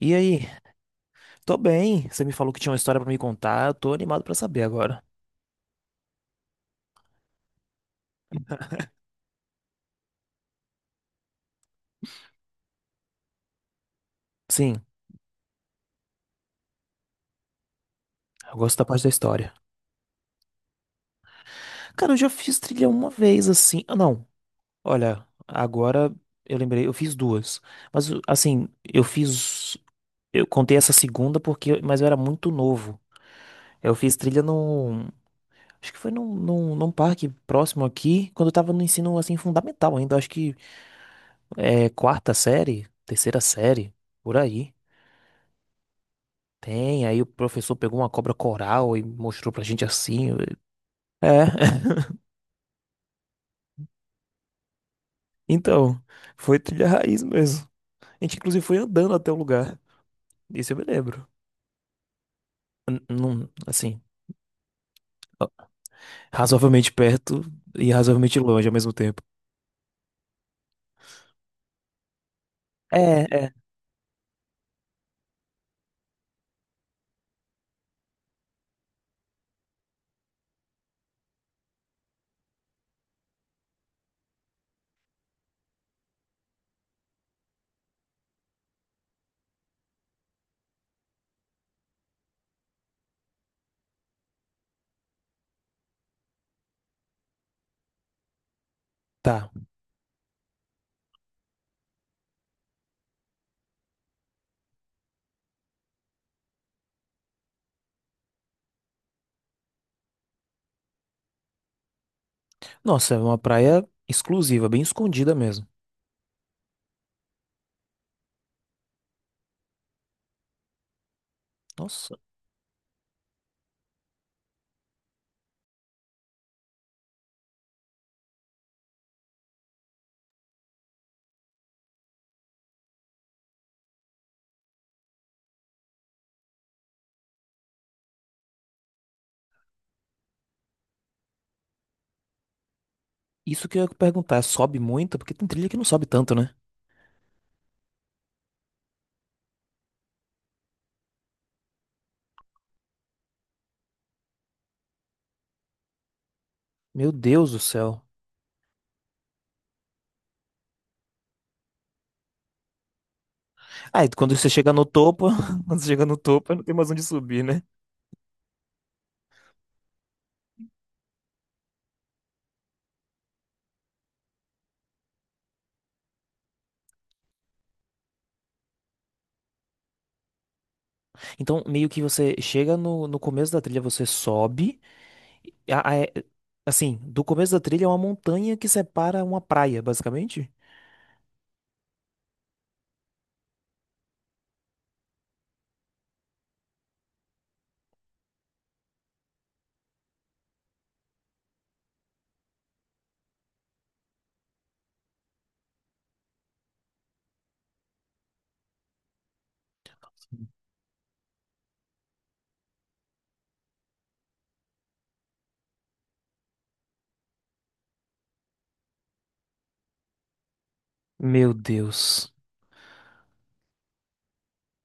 E aí? Tô bem. Você me falou que tinha uma história pra me contar. Eu tô animado pra saber agora. Sim, eu gosto da parte da história. Cara, eu já fiz trilha uma vez assim. Ah, não. Olha, agora eu lembrei, eu fiz duas. Mas assim, eu fiz eu contei essa segunda porque mas eu era muito novo. Eu fiz trilha num Acho que foi num, num parque próximo aqui, quando eu tava no ensino assim fundamental ainda, acho que é quarta série, terceira série, por aí. Tem, aí o professor pegou uma cobra coral e mostrou pra gente assim. É. Então, foi trilha raiz mesmo. A gente inclusive foi andando até o lugar. Isso eu me lembro. Não, assim, ó, razoavelmente perto e razoavelmente longe ao mesmo tempo. É, é. Tá. Nossa, é uma praia exclusiva, bem escondida mesmo. Nossa, isso que eu ia perguntar, sobe muito? Porque tem trilha que não sobe tanto, né? Meu Deus do céu. Ah, e quando você chega no topo, quando você chega no topo, não tem mais onde subir, né? Então, meio que você chega no, no começo da trilha, você sobe. e a- a- é- assim, do começo da trilha é uma montanha que separa uma praia, basicamente. Meu Deus.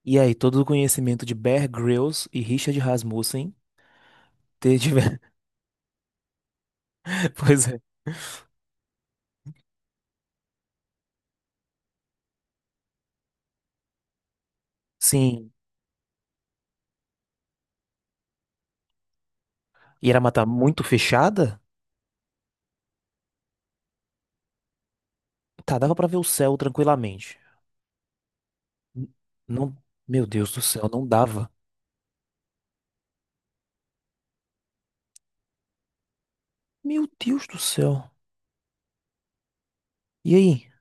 E aí, todo o conhecimento de Bear Grylls e Richard Rasmussen ter tiver... Pois é. Sim. E era mata muito fechada? Tá, dava pra ver o céu tranquilamente. N- Não, meu Deus do céu, não dava. Meu Deus do céu. E aí?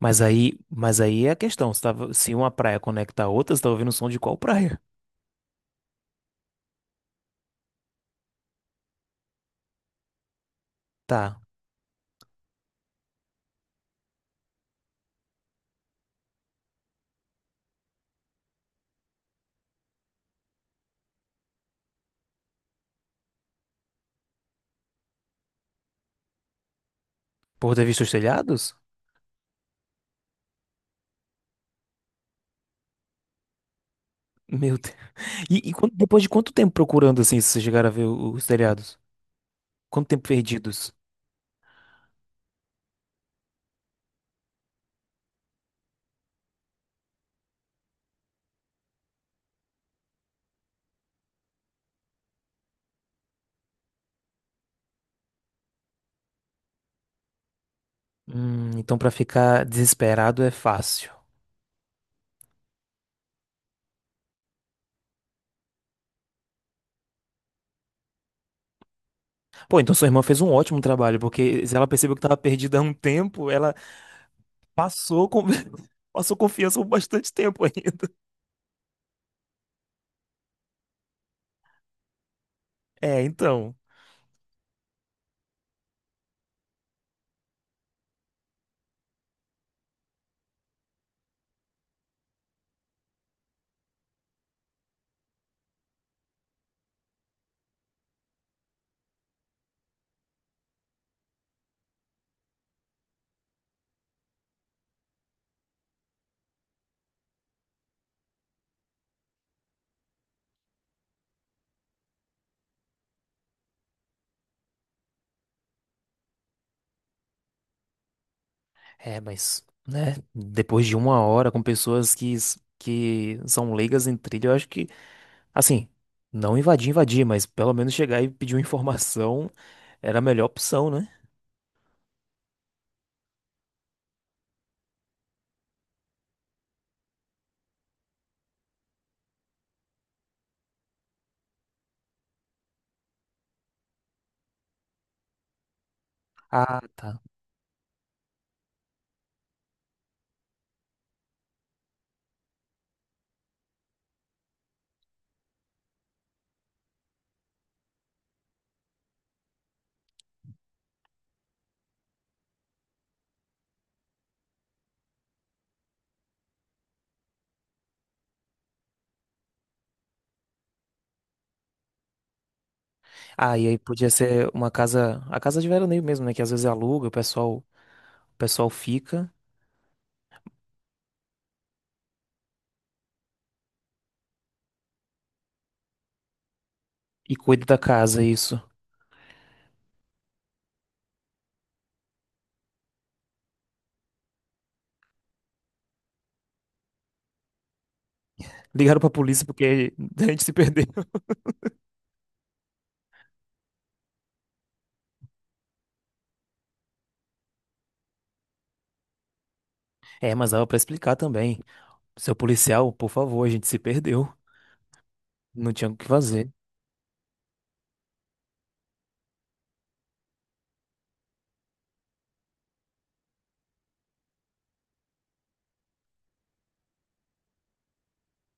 Mas aí, mas aí é a questão, você tava, se uma praia conecta a outra, você tá ouvindo o som de qual praia? Tá. Por ter visto os telhados? Meu Deus. E, depois de quanto tempo procurando assim, vocês chegaram a ver o- os telhados? Quanto tempo perdidos? Então pra ficar desesperado é fácil. Pô, então sua irmã fez um ótimo trabalho, porque se ela percebeu que tava perdida há um tempo, ela passou com... passou confiança por bastante tempo ainda. É, então. É, mas, né, depois de uma hora com pessoas que, que são leigas em trilha, eu acho que, assim, não invadir, invadir, mas pelo menos chegar e pedir uma informação, era a melhor opção, né? Ah, tá. Ah, e aí podia ser uma casa, a casa de veraneio mesmo, né? Que às vezes aluga, o pessoal fica e cuida da casa, isso. Ligaram pra polícia porque a gente se perdeu. É, mas dava pra explicar também. Seu policial, por favor, a gente se perdeu. Não tinha o que fazer.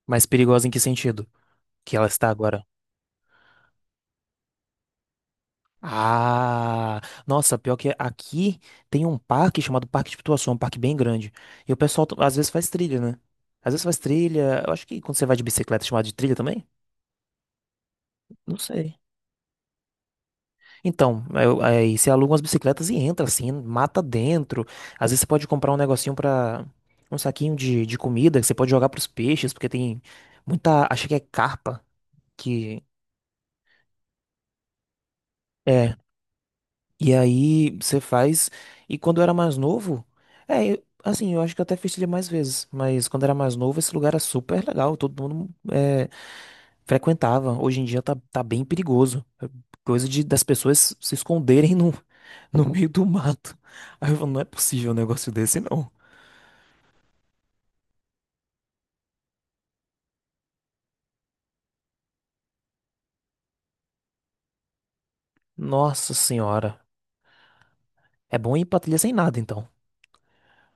Mas perigosa em que sentido? Que ela está agora. Ah, nossa, pior que aqui tem um parque chamado Parque de Pituaçu, um parque bem grande. E o pessoal às vezes faz trilha, né? Às vezes faz trilha. Eu acho que quando você vai de bicicleta é chamado de trilha também? Não sei. Então, aí você aluga umas bicicletas e entra assim, mata dentro. Às vezes você pode comprar um negocinho pra um saquinho de comida que você pode jogar pros peixes, porque tem muita. Acho que é carpa que. É. E aí você faz. E quando eu era mais novo, é, assim, eu acho que eu até fiz trilha mais vezes, mas quando eu era mais novo, esse lugar era super legal, todo mundo é, frequentava. Hoje em dia tá, tá bem perigoso. É, coisa de, das pessoas se esconderem no, no meio do mato. Aí eu falo, não é possível um negócio desse, não. Nossa senhora. É bom ir pra trilha sem nada, então.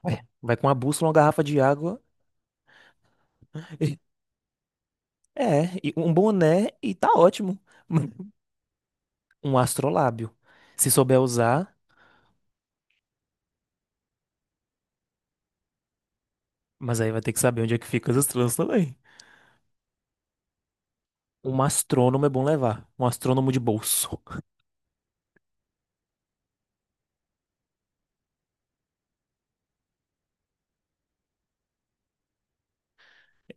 É, vai com uma bússola, uma garrafa de água. e- É, e um boné e tá ótimo. Um astrolábio. Se souber usar. Mas aí vai ter que saber onde é que ficam as estrelas também. Um astrônomo é bom levar. Um astrônomo de bolso.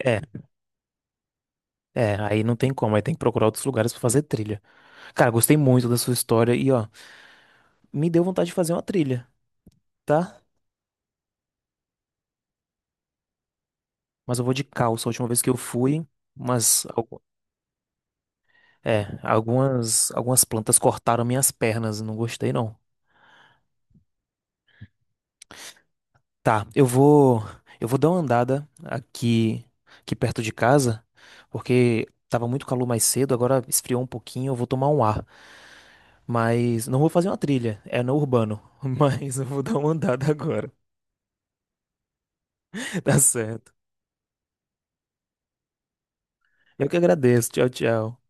É, é, aí não tem como. Aí tem que procurar outros lugares pra fazer trilha. Cara, gostei muito da sua história e, ó, me deu vontade de fazer uma trilha, tá? Mas eu vou de calça. A última vez que eu fui, mas, é, algumas, algumas plantas cortaram minhas pernas. Não gostei, não. Tá, eu vou dar uma andada aqui, aqui perto de casa, porque tava muito calor mais cedo, agora esfriou um pouquinho, eu vou tomar um ar. Mas não vou fazer uma trilha, é no urbano. Mas eu vou dar uma andada agora. Tá certo. Eu que agradeço. Tchau, tchau.